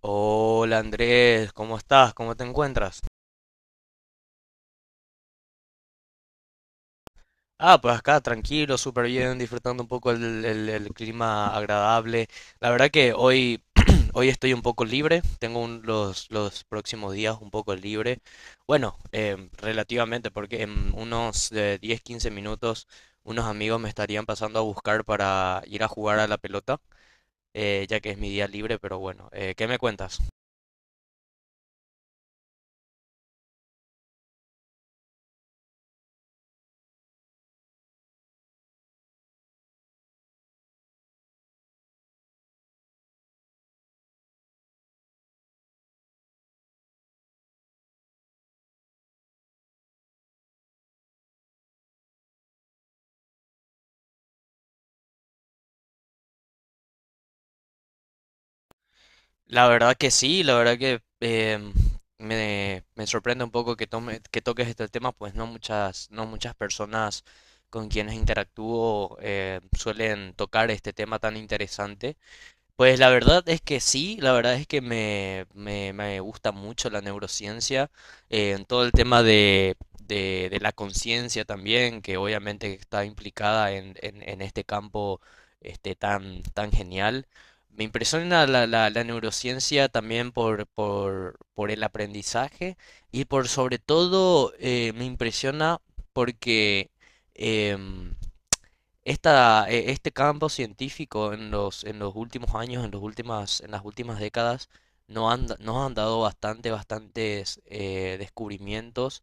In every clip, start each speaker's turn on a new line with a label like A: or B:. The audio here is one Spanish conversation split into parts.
A: Hola Andrés, ¿cómo estás? ¿Cómo te encuentras? Pues acá tranquilo, súper bien, disfrutando un poco el clima agradable. La verdad que hoy, hoy estoy un poco libre, tengo los próximos días un poco libre. Bueno, relativamente, porque en unos 10-15 minutos unos amigos me estarían pasando a buscar para ir a jugar a la pelota, ya que es mi día libre, pero bueno, ¿qué me cuentas? La verdad que sí, la verdad que me sorprende un poco que que toques este tema, pues no muchas personas con quienes interactúo suelen tocar este tema tan interesante. Pues la verdad es que sí, la verdad es que me gusta mucho la neurociencia, en todo el tema de la conciencia también, que obviamente está implicada en este campo este, tan genial. Me impresiona la neurociencia también por el aprendizaje y por sobre todo me impresiona porque... em, este campo científico en en los últimos años, en las últimas décadas, no han da- nos han dado bastantes descubrimientos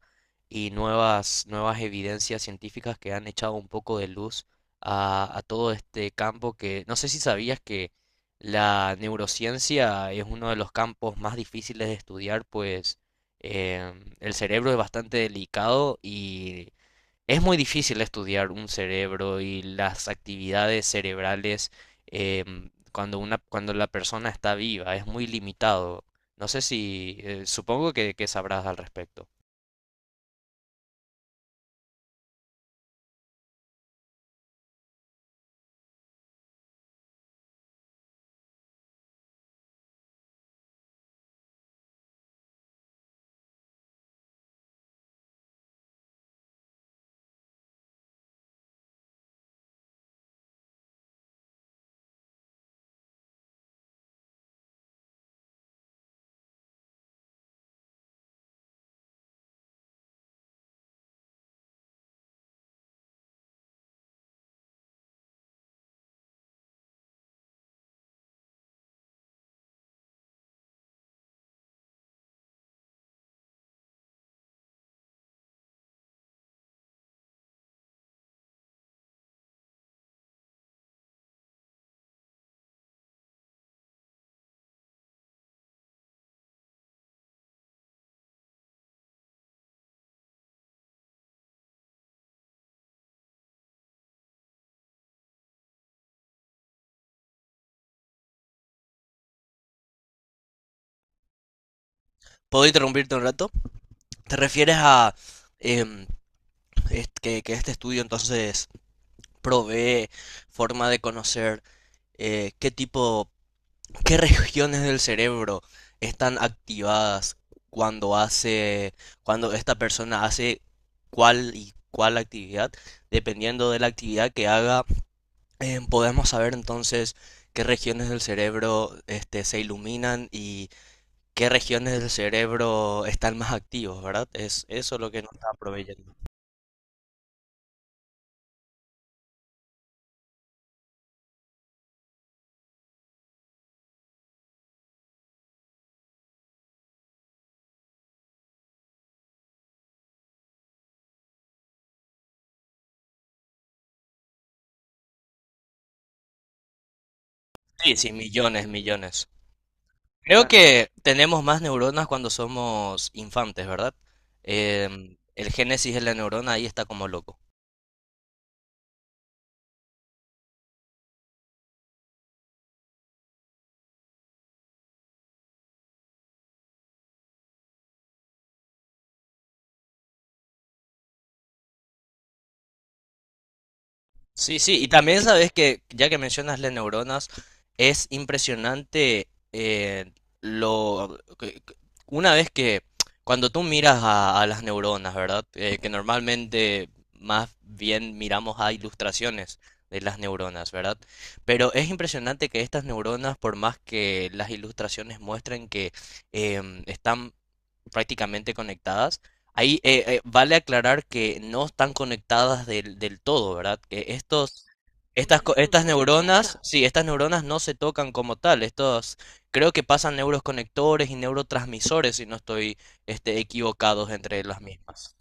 A: y nuevas evidencias científicas que han echado un poco de luz a todo este campo que no sé si sabías que la neurociencia es uno de los campos más difíciles de estudiar, pues el cerebro es bastante delicado y es muy difícil estudiar un cerebro y las actividades cerebrales cuando la persona está viva, es muy limitado. No sé si, supongo que sabrás al respecto. ¿Puedo interrumpirte un rato? ¿Te refieres a em, que este estudio entonces provee forma de conocer qué tipo? ¿Qué regiones del cerebro están activadas cuando hace, cuando esta persona hace cuál y cuál actividad? Dependiendo de la actividad que haga, podemos saber entonces qué regiones del cerebro este, se iluminan y qué regiones del cerebro están más activos, ¿verdad? Es eso lo que nos está proveyendo. Sí, sí, millones, millones. Creo que tenemos más neuronas cuando somos infantes, ¿verdad? El génesis de la neurona ahí está como loco. Sí, sí, y también sabes que, ya que mencionas las neuronas, es impresionante lo que- que- una vez que cuando tú miras a las neuronas, ¿verdad? Que normalmente más bien miramos a ilustraciones de las neuronas, ¿verdad? Pero es impresionante que estas neuronas, por más que las ilustraciones muestren que eh, prácticamente conectadas. Ahí vale aclarar que no están conectadas del todo, ¿verdad? Que estos, estas neuronas, sí, estas neuronas no se tocan como tal. Estos, creo que pasan neuroconectores y neurotransmisores, si no estoy, este, equivocados entre las mismas.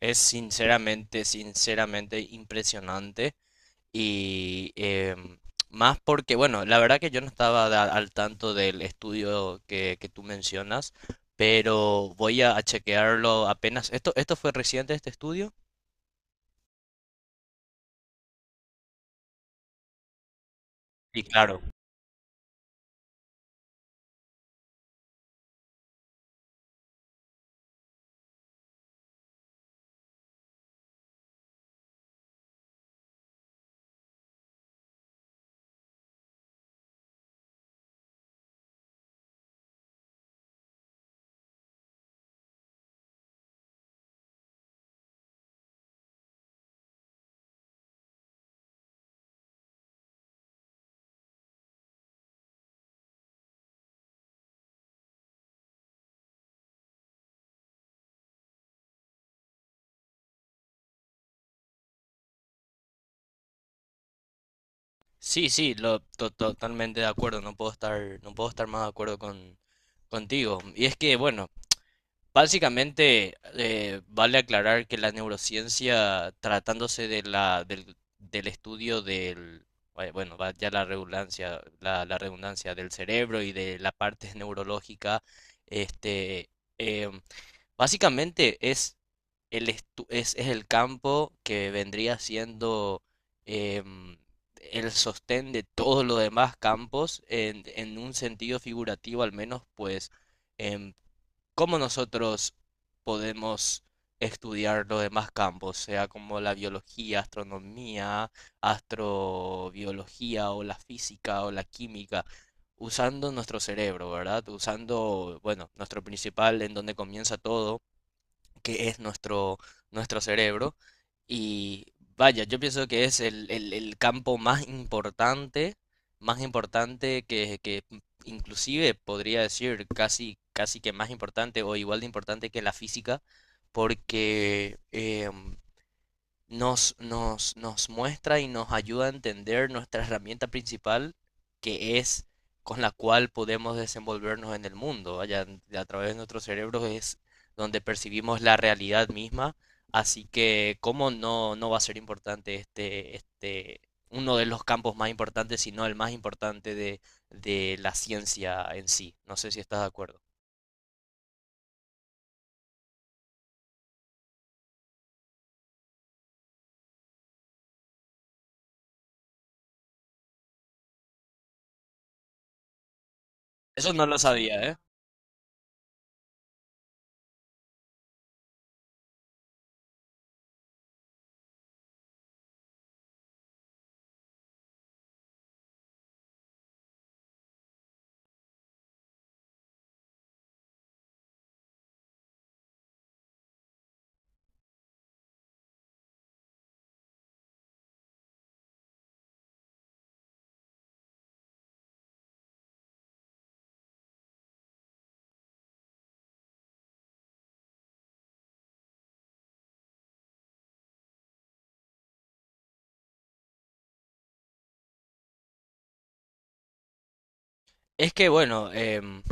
A: Es sinceramente, sinceramente impresionante. Y más porque, bueno, la verdad que yo no estaba da- al tanto del estudio que tú mencionas, pero voy a chequearlo apenas. Esto fue reciente este estudio. Y claro. Sí, sí, totalmente de acuerdo. No puedo estar más de acuerdo contigo. Y es que, bueno, básicamente, vale aclarar que la neurociencia, tratándose del estudio del, bueno, va ya la redundancia, la redundancia del cerebro y de la parte neurológica, este, em, básicamente es el campo que vendría siendo em, el sostén de todos los demás campos en un sentido figurativo al menos, pues em, cómo nosotros podemos estudiar los demás campos, sea como la biología, astronomía, astrobiología o la física o la química, usando nuestro cerebro, ¿verdad? Usando, bueno, nuestro principal en donde comienza todo que es nuestro cerebro. Y vaya, yo pienso que es el campo más importante que inclusive podría decir casi que más importante o igual de importante que la física, porque nos muestra y nos ayuda a entender nuestra herramienta principal, que es con la cual podemos desenvolvernos en el mundo. Allá a través de nuestros cerebros es donde percibimos la realidad misma. Así que, ¿cómo no, no va a ser importante este, este, uno de los campos más importantes, sino el más importante de la ciencia en sí? No sé si estás de acuerdo. Eso no lo sabía, ¿eh? Es que, bueno,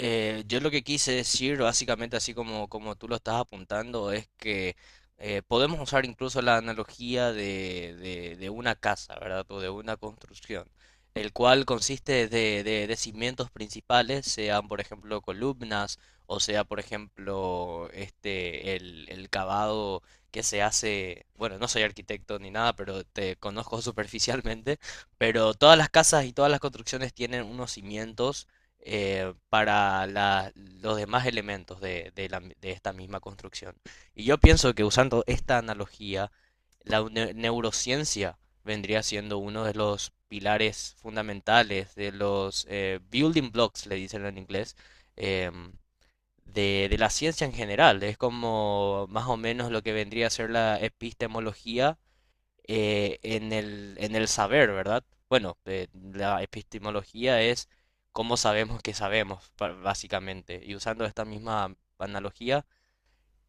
A: Yo lo que quise decir, básicamente así como tú lo estás apuntando, es que podemos usar incluso la analogía de una casa, ¿verdad? O de una construcción, el cual consiste de cimientos principales, sean por ejemplo columnas, o sea por ejemplo este, el cavado que se hace, bueno, no soy arquitecto ni nada, pero te conozco superficialmente, pero todas las casas y todas las construcciones tienen unos cimientos para los demás elementos de esta misma construcción. Y yo pienso que usando esta analogía, neurociencia vendría siendo uno de los pilares fundamentales, de los building blocks, le dicen en inglés, em, de la ciencia en general. Es como más o menos lo que vendría a ser la epistemología en el saber, ¿verdad? Bueno, la epistemología es cómo sabemos que sabemos, básicamente. Y usando esta misma analogía,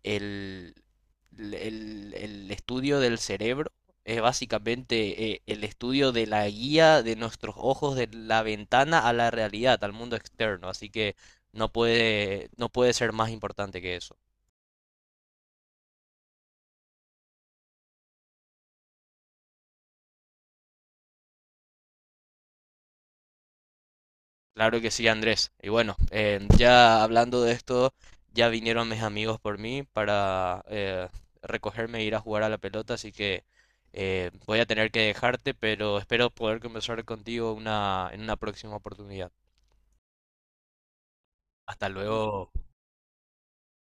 A: el, el estudio del cerebro es básicamente el estudio de la guía de nuestros ojos, de la ventana a la realidad, al mundo externo. Así que no puede ser más importante que eso. Claro que sí, Andrés. Y bueno, ya hablando de esto, ya vinieron mis amigos por mí para recogerme e ir a jugar a la pelota, así que voy a tener que dejarte, pero espero poder conversar contigo en una próxima oportunidad. Hasta luego.